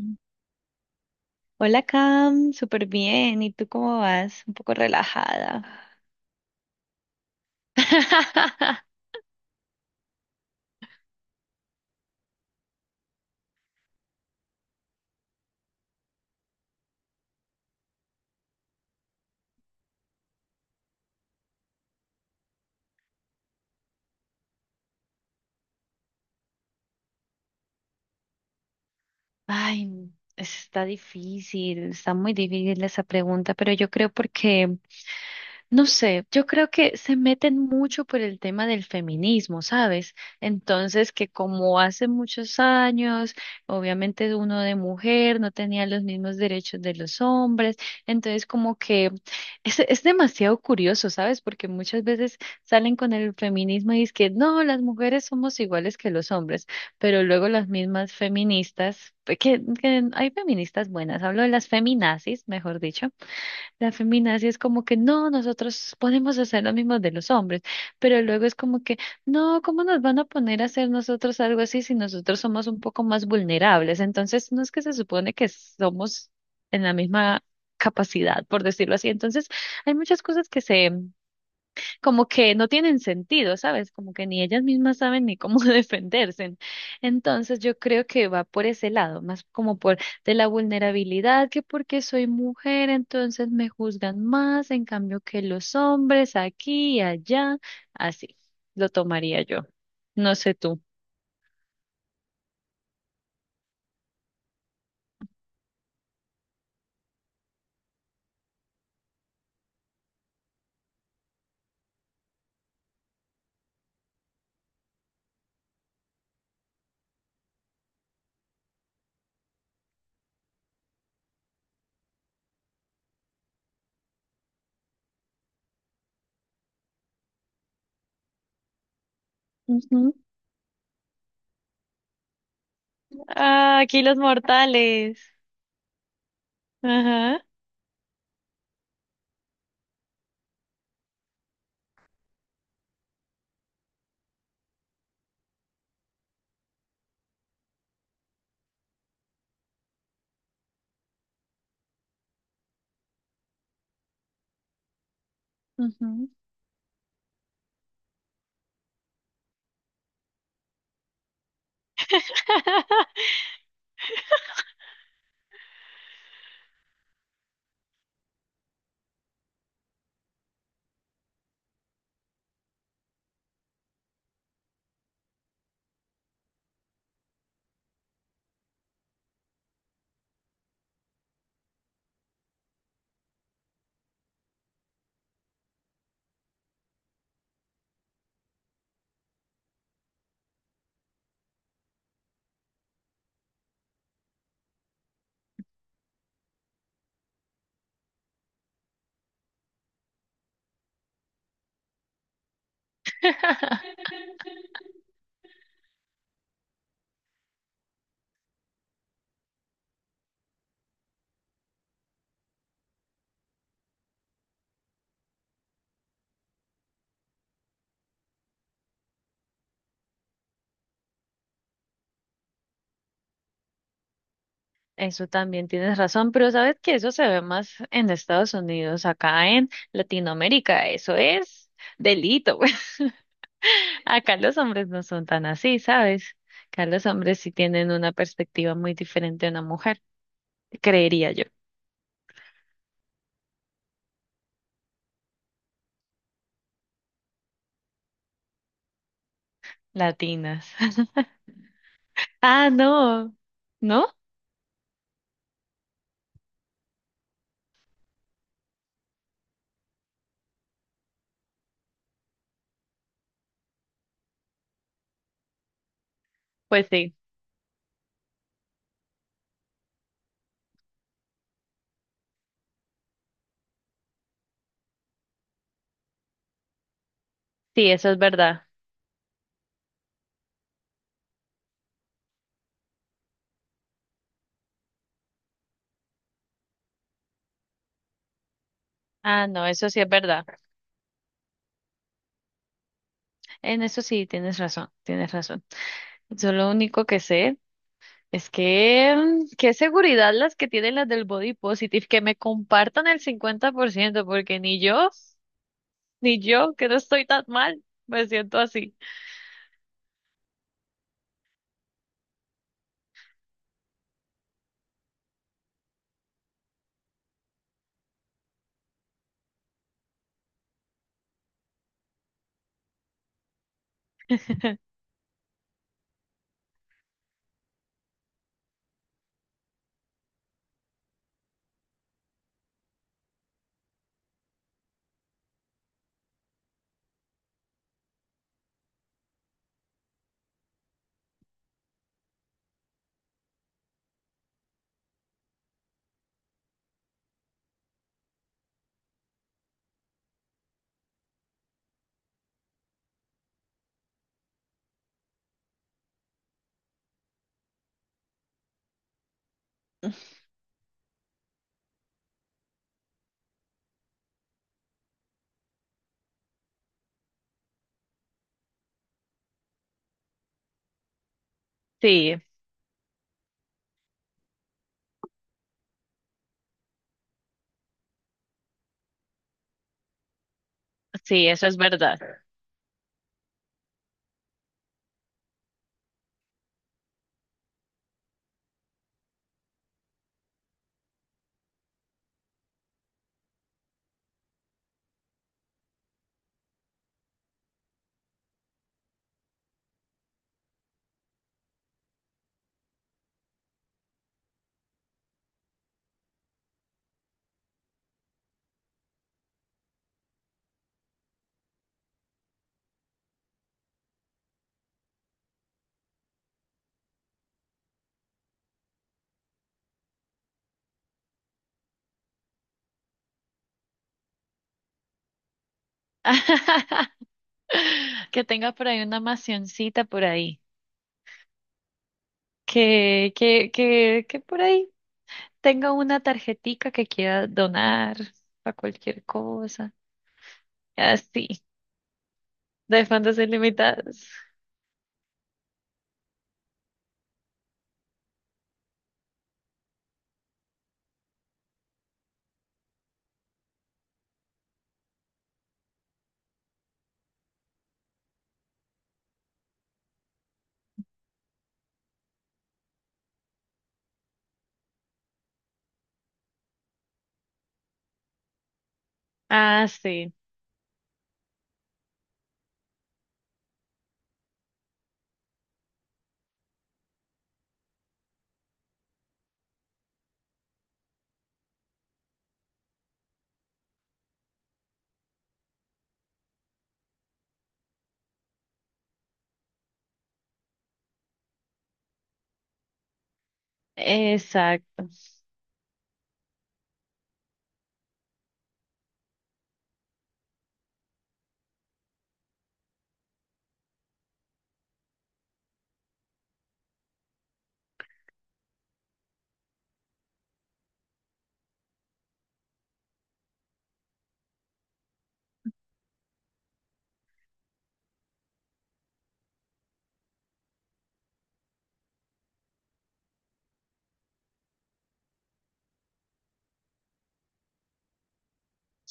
Mm. Hola Cam, súper bien. ¿Y tú cómo vas? Un poco relajada. Ay, está difícil, está muy difícil esa pregunta, pero yo creo porque no sé, yo creo que se meten mucho por el tema del feminismo, ¿sabes? Entonces, que como hace muchos años, obviamente uno de mujer no tenía los mismos derechos de los hombres, entonces como que es demasiado curioso, ¿sabes? Porque muchas veces salen con el feminismo y es que no, las mujeres somos iguales que los hombres, pero luego las mismas feministas, que hay feministas buenas, hablo de las feminazis, mejor dicho la feminazi es como que no, nosotros podemos hacer lo mismo de los hombres, pero luego es como que no, ¿cómo nos van a poner a hacer nosotros algo así si nosotros somos un poco más vulnerables? Entonces, no es que se supone que somos en la misma capacidad, por decirlo así. Entonces, hay muchas cosas que se como que no tienen sentido, ¿sabes? Como que ni ellas mismas saben ni cómo defenderse. Entonces yo creo que va por ese lado, más como por de la vulnerabilidad, que porque soy mujer, entonces me juzgan más, en cambio que los hombres aquí y allá, así lo tomaría yo. No sé tú. Ujú. Ah, aquí los mortales. Ajá. Ujú. Eso también tienes razón, pero sabes que eso se ve más en Estados Unidos, acá en Latinoamérica, eso es delito. Acá los hombres no son tan así, ¿sabes? Acá los hombres sí tienen una perspectiva muy diferente a una mujer, creería yo, latinas. Ah, no, ¿no? Pues sí, sí, eso es verdad. Ah, no, eso sí es verdad. En eso sí tienes razón, tienes razón. Yo lo único que sé. Es que, qué seguridad las que tienen las del body positive, que me compartan el 50% porque ni yo, ni yo, que no estoy tan mal, me siento así. Sí, sí, eso es verdad. Que tenga por ahí una macioncita por ahí. Que por ahí tenga una tarjetica que quiera donar para cualquier cosa. Así, de fondos ilimitados. Ah, sí, exacto.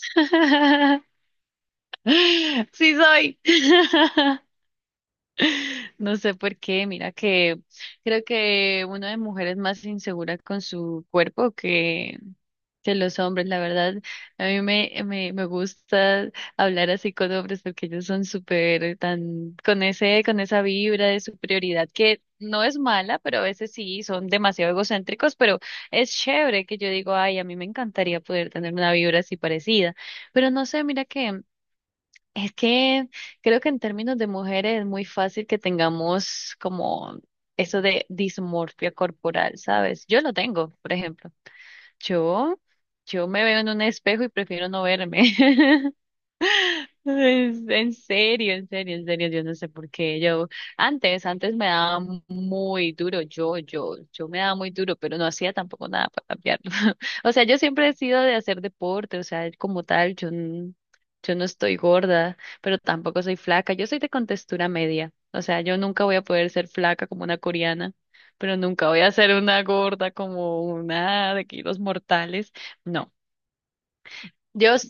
Sí soy. No sé por qué, mira que creo que una de mujeres más insegura con su cuerpo que los hombres, la verdad. A mí me gusta hablar así con hombres porque ellos son súper tan con esa vibra de superioridad que no es mala, pero a veces sí son demasiado egocéntricos, pero es chévere que yo digo, ay, a mí me encantaría poder tener una vibra así parecida. Pero no sé, mira que es que creo que en términos de mujeres es muy fácil que tengamos como eso de dismorfia corporal, ¿sabes? Yo lo tengo, por ejemplo. Yo, yo me veo en un espejo y prefiero no verme. En serio, en serio, en serio, yo no sé por qué. Yo antes me daba muy duro, yo me daba muy duro, pero no hacía tampoco nada para cambiarlo. O sea, yo siempre he sido de hacer deporte, o sea, como tal, yo, yo no estoy gorda, pero tampoco soy flaca. Yo soy de contextura media, o sea, yo nunca voy a poder ser flaca como una coreana, pero nunca voy a ser una gorda como una de kilos mortales. No, Dios.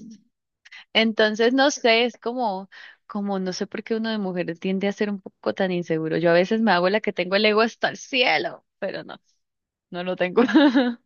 Entonces, no sé, es como no sé por qué uno de mujeres tiende a ser un poco tan inseguro. Yo a veces me hago la que tengo el ego hasta el cielo, pero no, no lo tengo.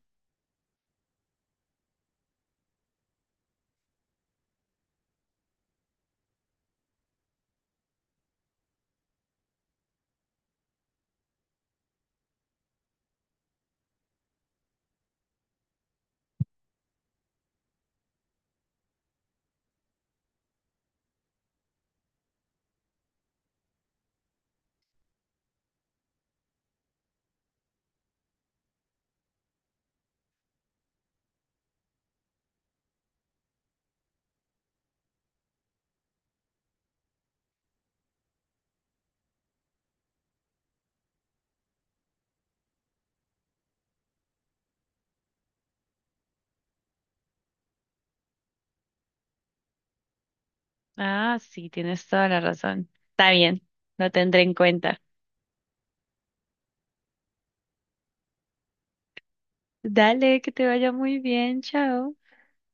Ah, sí, tienes toda la razón. Está bien, lo tendré en cuenta. Dale, que te vaya muy bien, chao.